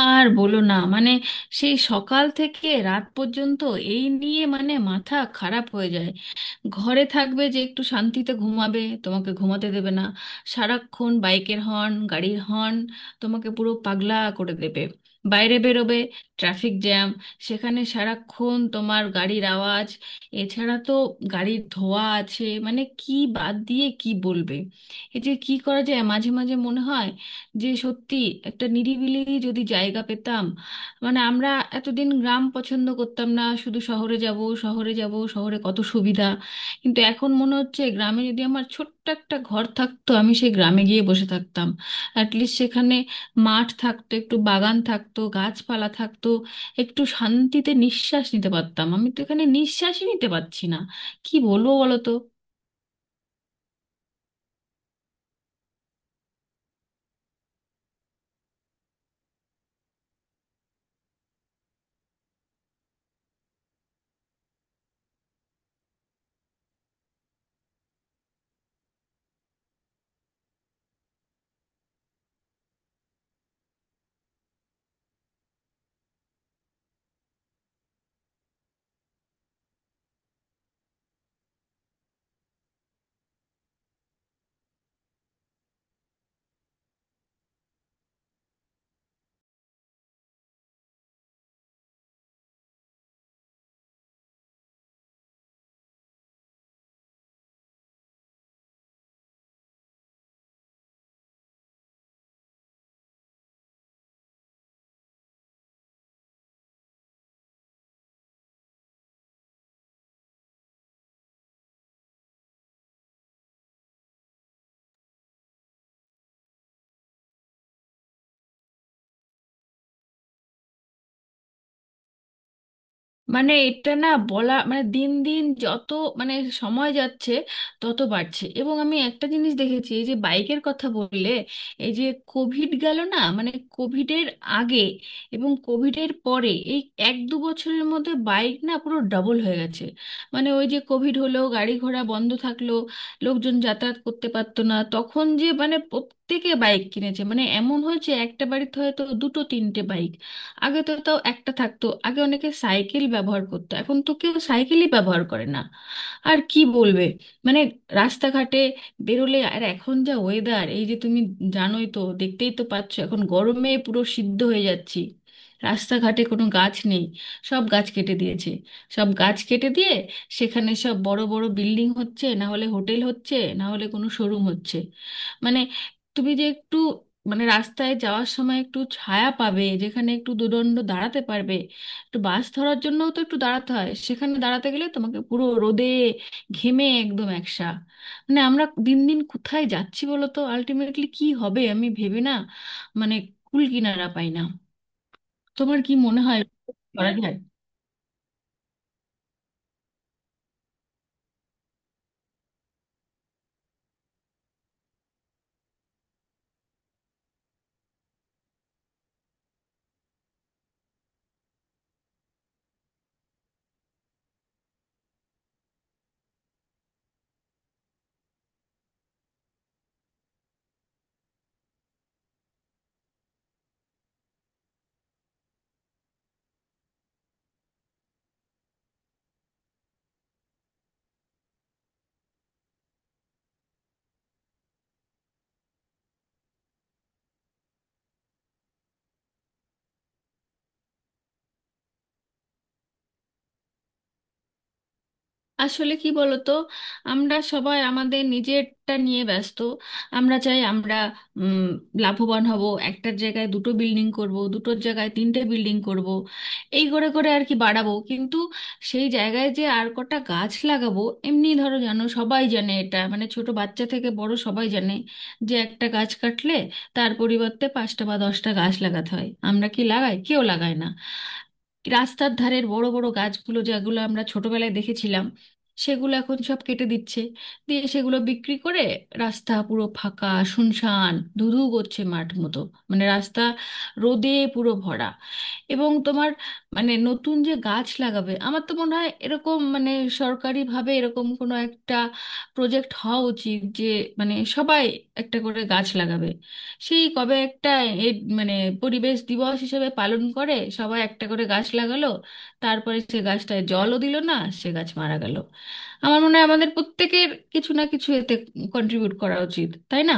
আর বলো না। সেই সকাল থেকে রাত পর্যন্ত এই নিয়ে মাথা খারাপ হয়ে যায়। ঘরে থাকবে যে একটু শান্তিতে ঘুমাবে, তোমাকে ঘুমাতে দেবে না। সারাক্ষণ বাইকের হর্ন, গাড়ির হর্ন, তোমাকে পুরো পাগলা করে দেবে। বাইরে বেরোবে, ট্রাফিক জ্যাম, সেখানে সারাক্ষণ তোমার গাড়ির আওয়াজ। এছাড়া তো গাড়ির ধোঁয়া আছে, কি বাদ দিয়ে কি বলবে। এই যে, কি করা যায় মাঝে মাঝে মনে হয়, যে সত্যি একটা নিরিবিলি যদি জায়গা পেতাম। আমরা এতদিন গ্রাম পছন্দ করতাম না, শুধু শহরে যাব, শহরে যাব, শহরে কত সুবিধা। কিন্তু এখন মনে হচ্ছে গ্রামে যদি আমার ছোট্ট একটা ঘর থাকতো, আমি সেই গ্রামে গিয়ে বসে থাকতাম। অ্যাটলিস্ট সেখানে মাঠ থাকতো, একটু বাগান থাকতো, গাছপালা থাকতো, একটু শান্তিতে নিঃশ্বাস নিতে পারতাম। আমি তো এখানে নিঃশ্বাসই নিতে পারছি না, কি বলবো বলো তো। এটা না বলা, দিন দিন যত মানে সময় যাচ্ছে তত বাড়ছে। এবং আমি একটা জিনিস দেখেছি, এই যে বাইকের কথা বললে, এই যে কোভিড গেল না, কোভিডের আগে এবং কোভিডের পরে এই এক 2 বছরের মধ্যে বাইক না পুরো ডাবল হয়ে গেছে। ওই যে কোভিড হলো, গাড়ি ঘোড়া বন্ধ থাকলো, লোকজন যাতায়াত করতে পারতো না, তখন যে প্রত্যেকে বাইক কিনেছে। এমন হয়েছে একটা বাড়িতে হয়তো দুটো তিনটে বাইক, আগে তো তাও একটা থাকতো। আগে অনেকে সাইকেল ব্যবহার করতো, এখন তো কেউ সাইকেলই ব্যবহার করে না। আর কি বলবে, মানে রাস্তাঘাটে বেরোলে আর এখন যা ওয়েদার, এই যে তুমি জানোই তো, দেখতেই তো পাচ্ছ এখন গরমে পুরো সিদ্ধ হয়ে যাচ্ছি। রাস্তাঘাটে কোনো গাছ নেই, সব গাছ কেটে দিয়েছে। সব গাছ কেটে দিয়ে সেখানে সব বড় বড় বিল্ডিং হচ্ছে, না হলে হোটেল হচ্ছে, না হলে কোনো শোরুম হচ্ছে। মানে তুমি যে একটু মানে রাস্তায় যাওয়ার সময় একটু ছায়া পাবে, যেখানে একটু দুদণ্ড দাঁড়াতে পারবে, একটু বাস ধরার জন্যও তো একটু দাঁড়াতে হয়, সেখানে দাঁড়াতে গেলে তোমাকে পুরো রোদে ঘেমে একদম একসা। আমরা দিন দিন কোথায় যাচ্ছি বলো তো, আলটিমেটলি কি হবে আমি ভেবে না, মানে কুল কিনারা পাই না। তোমার কি মনে হয় করা যায়? আসলে কি বলতো, আমরা সবাই আমাদের নিজেরটা নিয়ে ব্যস্ত। আমরা চাই আমরা উম, লাভবান হব, একটার জায়গায় দুটো বিল্ডিং করব, দুটোর জায়গায় তিনটে বিল্ডিং করব। এই করে করে আর কি বাড়াবো, কিন্তু সেই জায়গায় যে আর কটা গাছ লাগাবো। এমনি ধরো জানো, সবাই জানে এটা, ছোট বাচ্চা থেকে বড় সবাই জানে যে একটা গাছ কাটলে তার পরিবর্তে 5টা বা 10টা গাছ লাগাতে হয়। আমরা কি লাগাই? কেউ লাগায় না। রাস্তার ধারের বড় বড় গাছগুলো যেগুলো আমরা ছোটবেলায় দেখেছিলাম, সেগুলো এখন সব কেটে দিচ্ছে, দিয়ে সেগুলো বিক্রি করে। রাস্তা পুরো ফাঁকা, শুনশান, ধুধু করছে মাঠ মতো। রাস্তা রোদে পুরো ভরা। এবং তোমার, নতুন যে গাছ লাগাবে, আমার তো মনে হয় এরকম, সরকারিভাবে এরকম কোনো একটা প্রজেক্ট হওয়া উচিত, যে সবাই একটা করে গাছ লাগাবে। সেই কবে একটা এ, মানে পরিবেশ দিবস হিসেবে পালন করে সবাই একটা করে গাছ লাগালো, তারপরে সে গাছটায় জলও দিল না, সে গাছ মারা গেল। আমার মনে হয় আমাদের প্রত্যেকের কিছু না কিছু এতে কন্ট্রিবিউট করা উচিত, তাই না?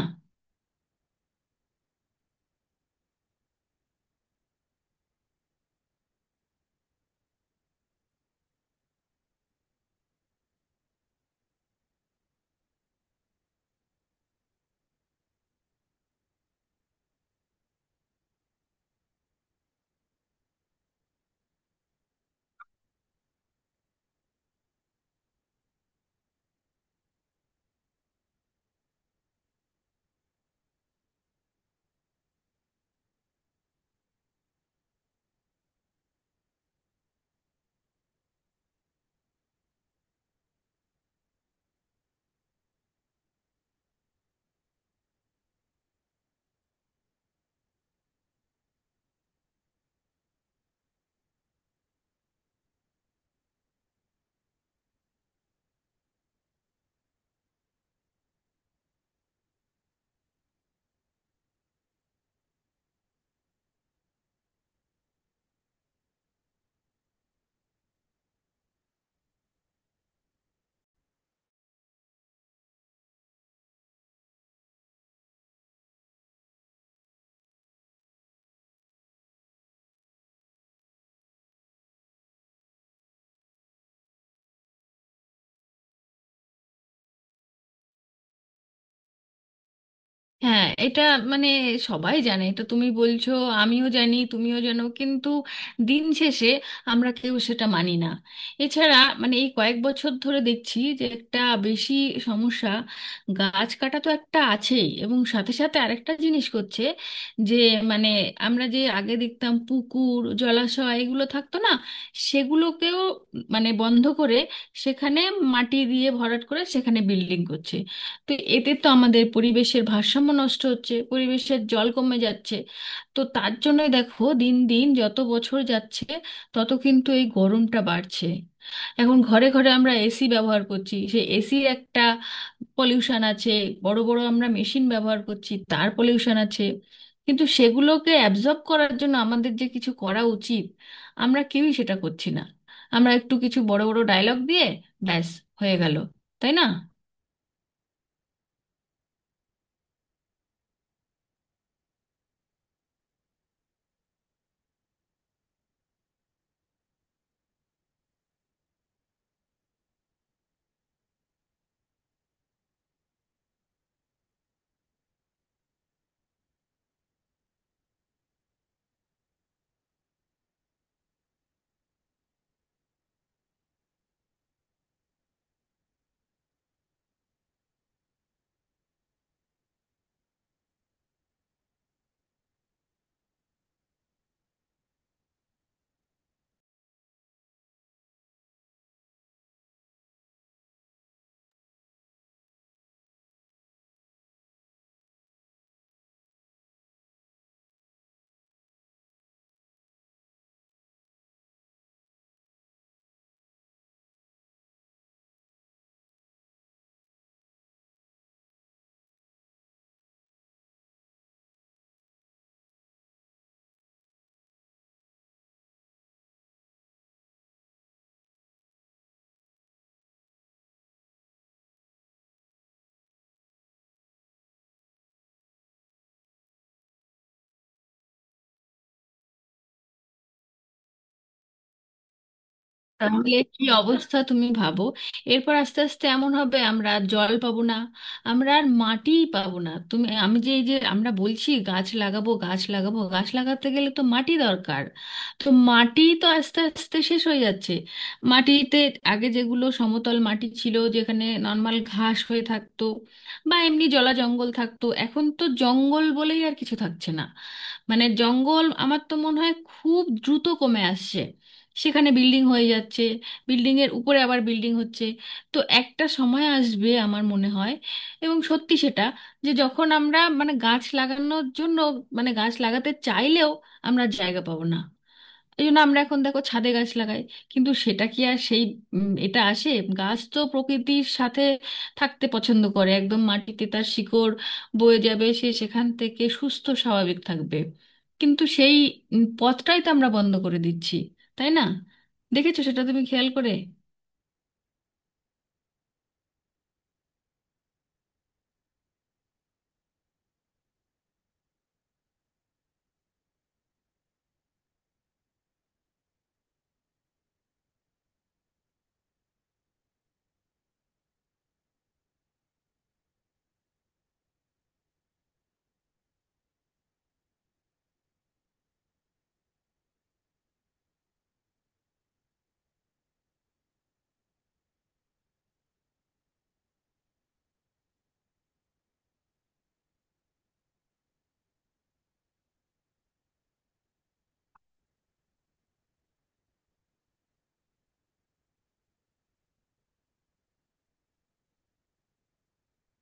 হ্যাঁ এটা, মানে সবাই জানে এটা, তুমি বলছো, আমিও জানি, তুমিও জানো, কিন্তু দিন শেষে আমরা কেউ সেটা মানি না। এছাড়া এই কয়েক বছর ধরে দেখছি যে একটা বেশি সমস্যা, গাছ কাটা তো একটা আছেই, এবং সাথে সাথে আরেকটা জিনিস করছে যে মানে আমরা যে আগে দেখতাম পুকুর জলাশয় এগুলো থাকতো না, সেগুলোকেও বন্ধ করে সেখানে মাটি দিয়ে ভরাট করে সেখানে বিল্ডিং করছে। তো এতে তো আমাদের পরিবেশের ভারসাম্য নষ্ট হচ্ছে, পরিবেশের জল কমে যাচ্ছে। তো তার জন্যই দেখো দিন দিন যত বছর যাচ্ছে তত কিন্তু এই গরমটা বাড়ছে। এখন ঘরে ঘরে আমরা এসি ব্যবহার করছি, সেই এসির একটা পলিউশন আছে, বড় বড় আমরা মেশিন ব্যবহার করছি, তার পলিউশন আছে। কিন্তু সেগুলোকে অ্যাবজর্ব করার জন্য আমাদের যে কিছু করা উচিত, আমরা কেউই সেটা করছি না। আমরা একটু কিছু বড় বড় ডায়লগ দিয়ে ব্যাস হয়ে গেল, তাই না? তাহলে কি অবস্থা তুমি ভাবো, এরপর আস্তে আস্তে এমন হবে আমরা আর জল পাবো না, আমরা আর মাটিই পাবো না। তুমি আমি যে এই যে আমরা বলছি গাছ লাগাবো, গাছ লাগাবো, গাছ লাগাতে গেলে তো মাটি দরকার, তো মাটি তো আস্তে আস্তে শেষ হয়ে যাচ্ছে। মাটিতে আগে যেগুলো সমতল মাটি ছিল যেখানে নর্মাল ঘাস হয়ে থাকতো বা এমনি জলা জঙ্গল থাকতো, এখন তো জঙ্গল বলেই আর কিছু থাকছে না। জঙ্গল আমার তো মনে হয় খুব দ্রুত কমে আসছে, সেখানে বিল্ডিং হয়ে যাচ্ছে, বিল্ডিং এর উপরে আবার বিল্ডিং হচ্ছে। তো একটা সময় আসবে আমার মনে হয়, এবং সত্যি সেটা, যে যখন আমরা গাছ লাগানোর জন্য, গাছ লাগাতে চাইলেও আমরা জায়গা পাবো না। এই জন্য আমরা এখন দেখো ছাদে গাছ লাগাই, কিন্তু সেটা কি আর সেই এটা আসে। গাছ তো প্রকৃতির সাথে থাকতে পছন্দ করে, একদম মাটিতে তার শিকড় বয়ে যাবে, সে সেখান থেকে সুস্থ স্বাভাবিক থাকবে। কিন্তু সেই পথটাই তো আমরা বন্ধ করে দিচ্ছি, তাই না? দেখেছো সেটা তুমি খেয়াল করে।